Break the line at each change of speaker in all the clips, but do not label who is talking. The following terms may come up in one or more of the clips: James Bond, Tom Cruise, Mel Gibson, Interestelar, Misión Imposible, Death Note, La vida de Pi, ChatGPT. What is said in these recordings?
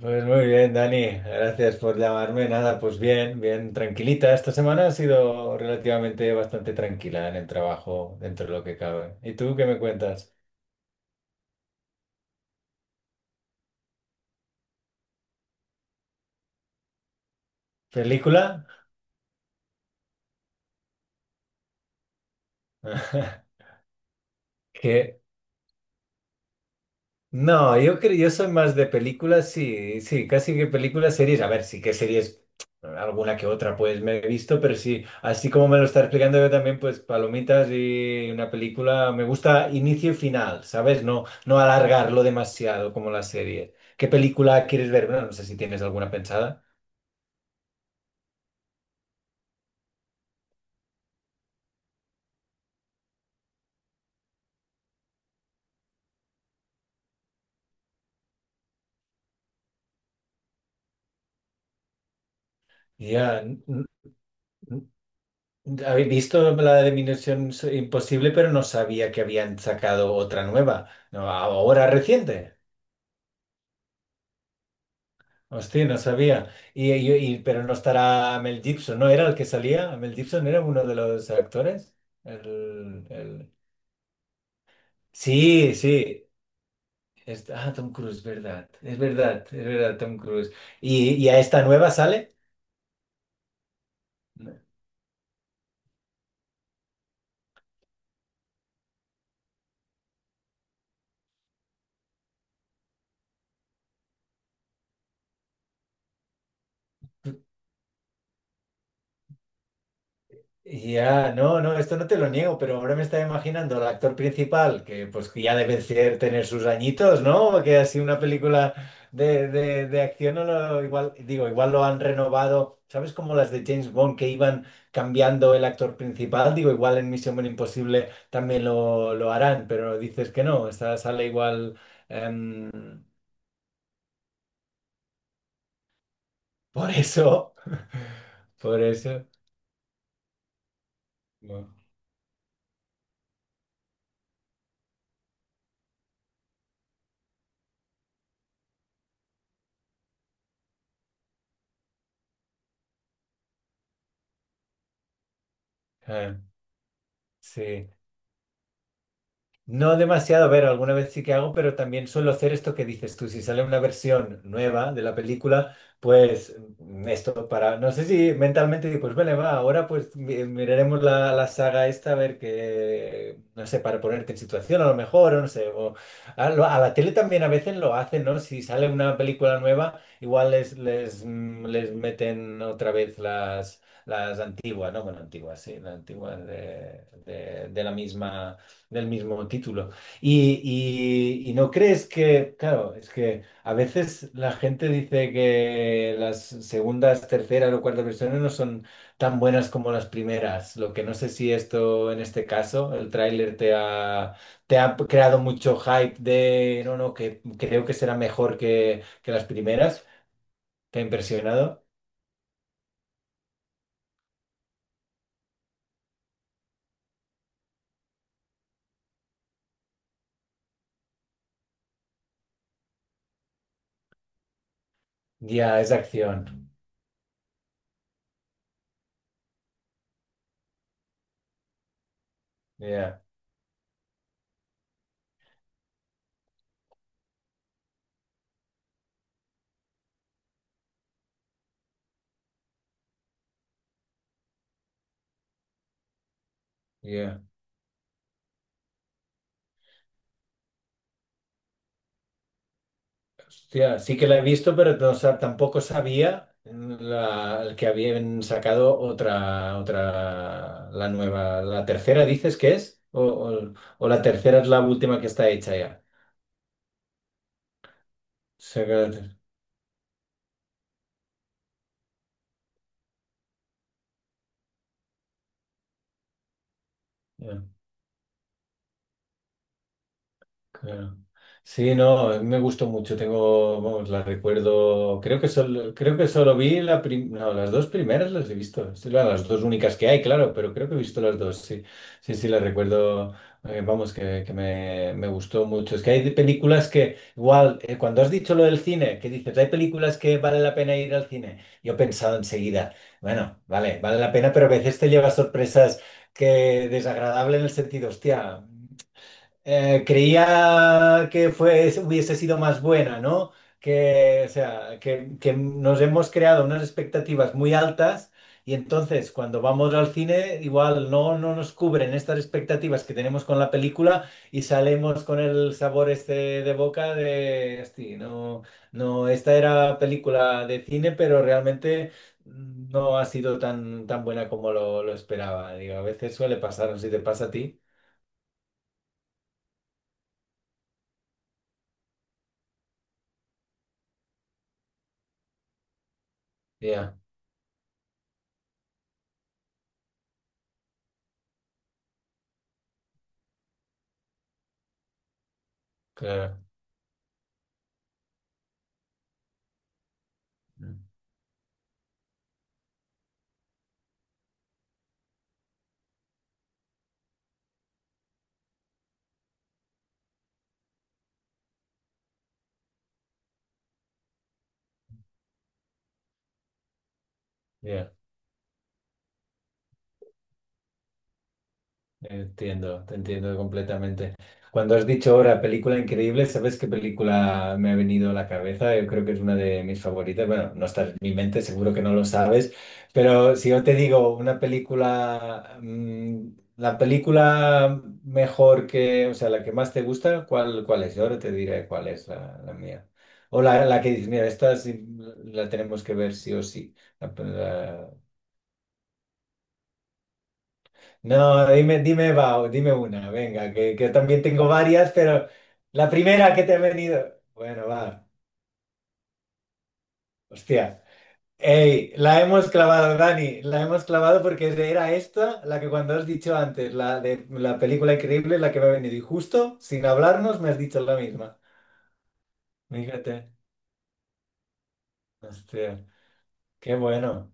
Pues muy bien, Dani, gracias por llamarme. Nada, pues bien, bien, tranquilita. Esta semana ha sido relativamente bastante tranquila en el trabajo, dentro de lo que cabe. ¿Y tú qué me cuentas? ¿Película? ¿Qué? No, yo soy más de películas, sí, sí, casi que películas, series. A ver, sí que series, alguna que otra, pues me he visto, pero sí, así como me lo está explicando yo también, pues palomitas y una película, me gusta inicio y final, ¿sabes? No, no alargarlo demasiado como la serie. ¿Qué película quieres ver? Bueno, no sé si tienes alguna pensada. Ya, n- habéis visto la de Misión Imposible, pero no sabía que habían sacado otra nueva, ¿no? Ahora reciente. Hostia, no sabía. Pero no estará Mel Gibson, ¿no era el que salía? ¿Mel Gibson era uno de los actores? El, el- Sí, sí. Ah, Tom Cruise, verdad. Es verdad, es verdad, Tom Cruise. ¿Y a esta nueva sale? Ya, no, no, esto no te lo niego, pero ahora me estaba imaginando al actor principal, que pues que ya debe ser tener sus añitos, ¿no? Que así una película de acción, no lo- igual, digo, igual lo han renovado, ¿sabes? Como las de James Bond que iban cambiando el actor principal, digo, igual en Misión Imposible también lo harán, pero dices que no, esta sale igual. em, por eso, por eso. Bueno, eh, sí. No demasiado, a ver, alguna vez sí que hago, pero también suelo hacer esto que dices tú. Si sale una versión nueva de la película, pues esto para, no sé si mentalmente digo, pues vale, va, ahora pues miraremos la saga esta a ver qué, no sé, para ponerte en situación a lo mejor, o no sé, o a la tele también a veces lo hacen, ¿no? Si sale una película nueva, igual les meten otra vez las antigua, ¿no? Bueno, antigua, sí, la antigua de, de la misma, del mismo título. Y, y no crees que, claro, es que a veces la gente dice que las segundas, terceras o cuartas versiones no son tan buenas como las primeras, lo que no sé si esto, en este caso, el tráiler te ha creado mucho hype de, no, no, que creo que será mejor que las primeras, ¿te ha impresionado? Ya, es acción. Ya, ya. Hostia, sí que la he visto, pero tampoco sabía, la, que habían sacado otra, otra, la nueva. ¿La tercera dices que es? ¿O, o la tercera es la última que está hecha ya? O sea, que ya. Claro. Sí, no, a mí me gustó mucho. Tengo, vamos, la recuerdo. Creo que solo no, las dos primeras las he visto. Sí, las dos únicas que hay, claro, pero creo que he visto las dos. Sí, sí, sí, las recuerdo. Vamos, que, me gustó mucho. Es que hay de películas que, igual, cuando has dicho lo del cine, que dices, hay películas que vale la pena ir al cine. Yo he pensado enseguida, bueno, vale, vale la pena, pero a veces te lleva sorpresas que desagradable en el sentido, hostia. Creía que fue, hubiese sido más buena, ¿no? Que, o sea, que nos hemos creado unas expectativas muy altas y entonces cuando vamos al cine igual no, no nos cubren estas expectativas que tenemos con la película y salimos con el sabor este de boca de, "Hosti, no, no, esta era película de cine, pero realmente no ha sido tan, tan buena como lo esperaba". Digo, a veces suele pasar, no sé si te pasa a ti. Ya, claro. Ya, entiendo, te entiendo completamente. Cuando has dicho ahora película increíble, ¿sabes qué película me ha venido a la cabeza? Yo creo que es una de mis favoritas. Bueno, no está en mi mente, seguro que no lo sabes, pero si yo te digo una película, la película mejor que, o sea, la que más te gusta, ¿cuál, cuál es? Yo ahora te diré cuál es la mía. O la que dices, mira, esta sí la tenemos que ver sí o sí. No, dime, dime, va, dime una, venga, que yo también tengo varias, pero la primera que te ha venido. Bueno, va, hostia. Ey, la hemos clavado, Dani, la hemos clavado porque era esta, la que cuando has dicho antes, la de la película increíble, la que me ha venido. Y justo, sin hablarnos, me has dicho la misma. Fíjate, hostia, qué bueno.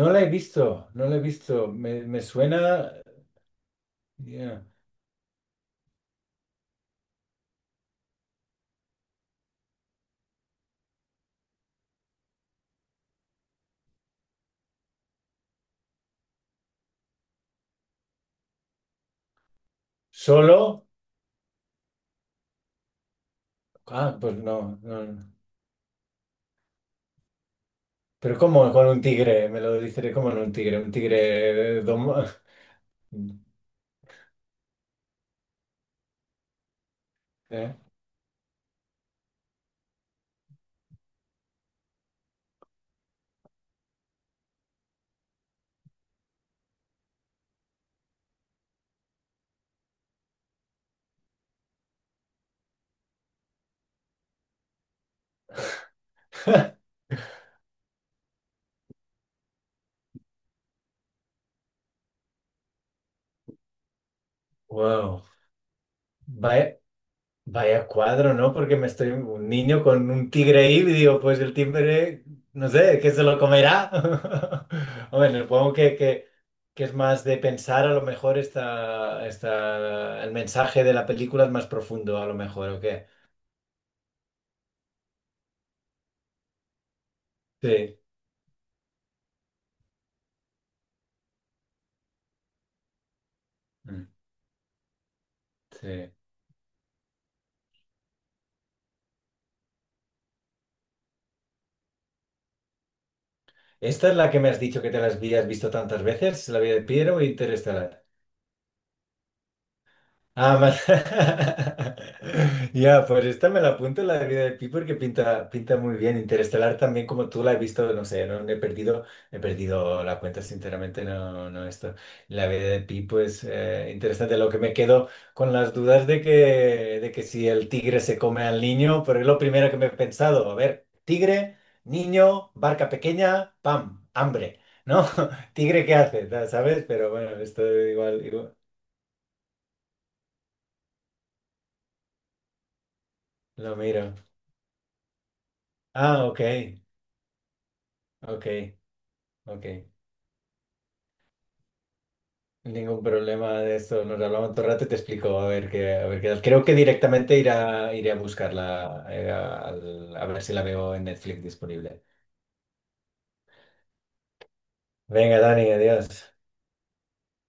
No la he visto, no la he visto, me suena. Ya. Solo. Ah, pues no, no. Pero ¿cómo con un tigre? Me lo dice cómo en un tigre ¿Eh? Wow. Vaya, vaya cuadro, ¿no? Porque me estoy un niño con un tigre ahí y digo, pues el tigre, no sé, ¿qué se lo comerá? Bueno, supongo que es más de pensar, a lo mejor está, está el mensaje de la película es más profundo, a lo mejor, ¿o qué? Sí. Mm, sí. ¿Esta es la que me has dicho que te la habías visto tantas veces? ¿La vida de Piero o Interestelar? Ah, más. Ya, pues esta me la apunto, la de vida de Pi, porque pinta, pinta muy bien. Interestelar también, como tú la he visto, no sé, no he perdido, he perdido la cuenta, sinceramente, no, no esto. La vida de Pi, pues interesante. Lo que me quedo con las dudas de que si el tigre se come al niño, pero es lo primero que me he pensado. A ver, tigre, niño, barca pequeña, pam, hambre, ¿no? Tigre, ¿qué hace? ¿Sabes? Pero bueno, esto igual, igual lo miro. Ah, ok, ok, ok. Ningún problema de esto. Nos hablamos otro rato y te explico a ver qué tal. Creo que directamente iré a, iré a buscarla, a ver si la veo en Netflix disponible. Venga, Dani, adiós.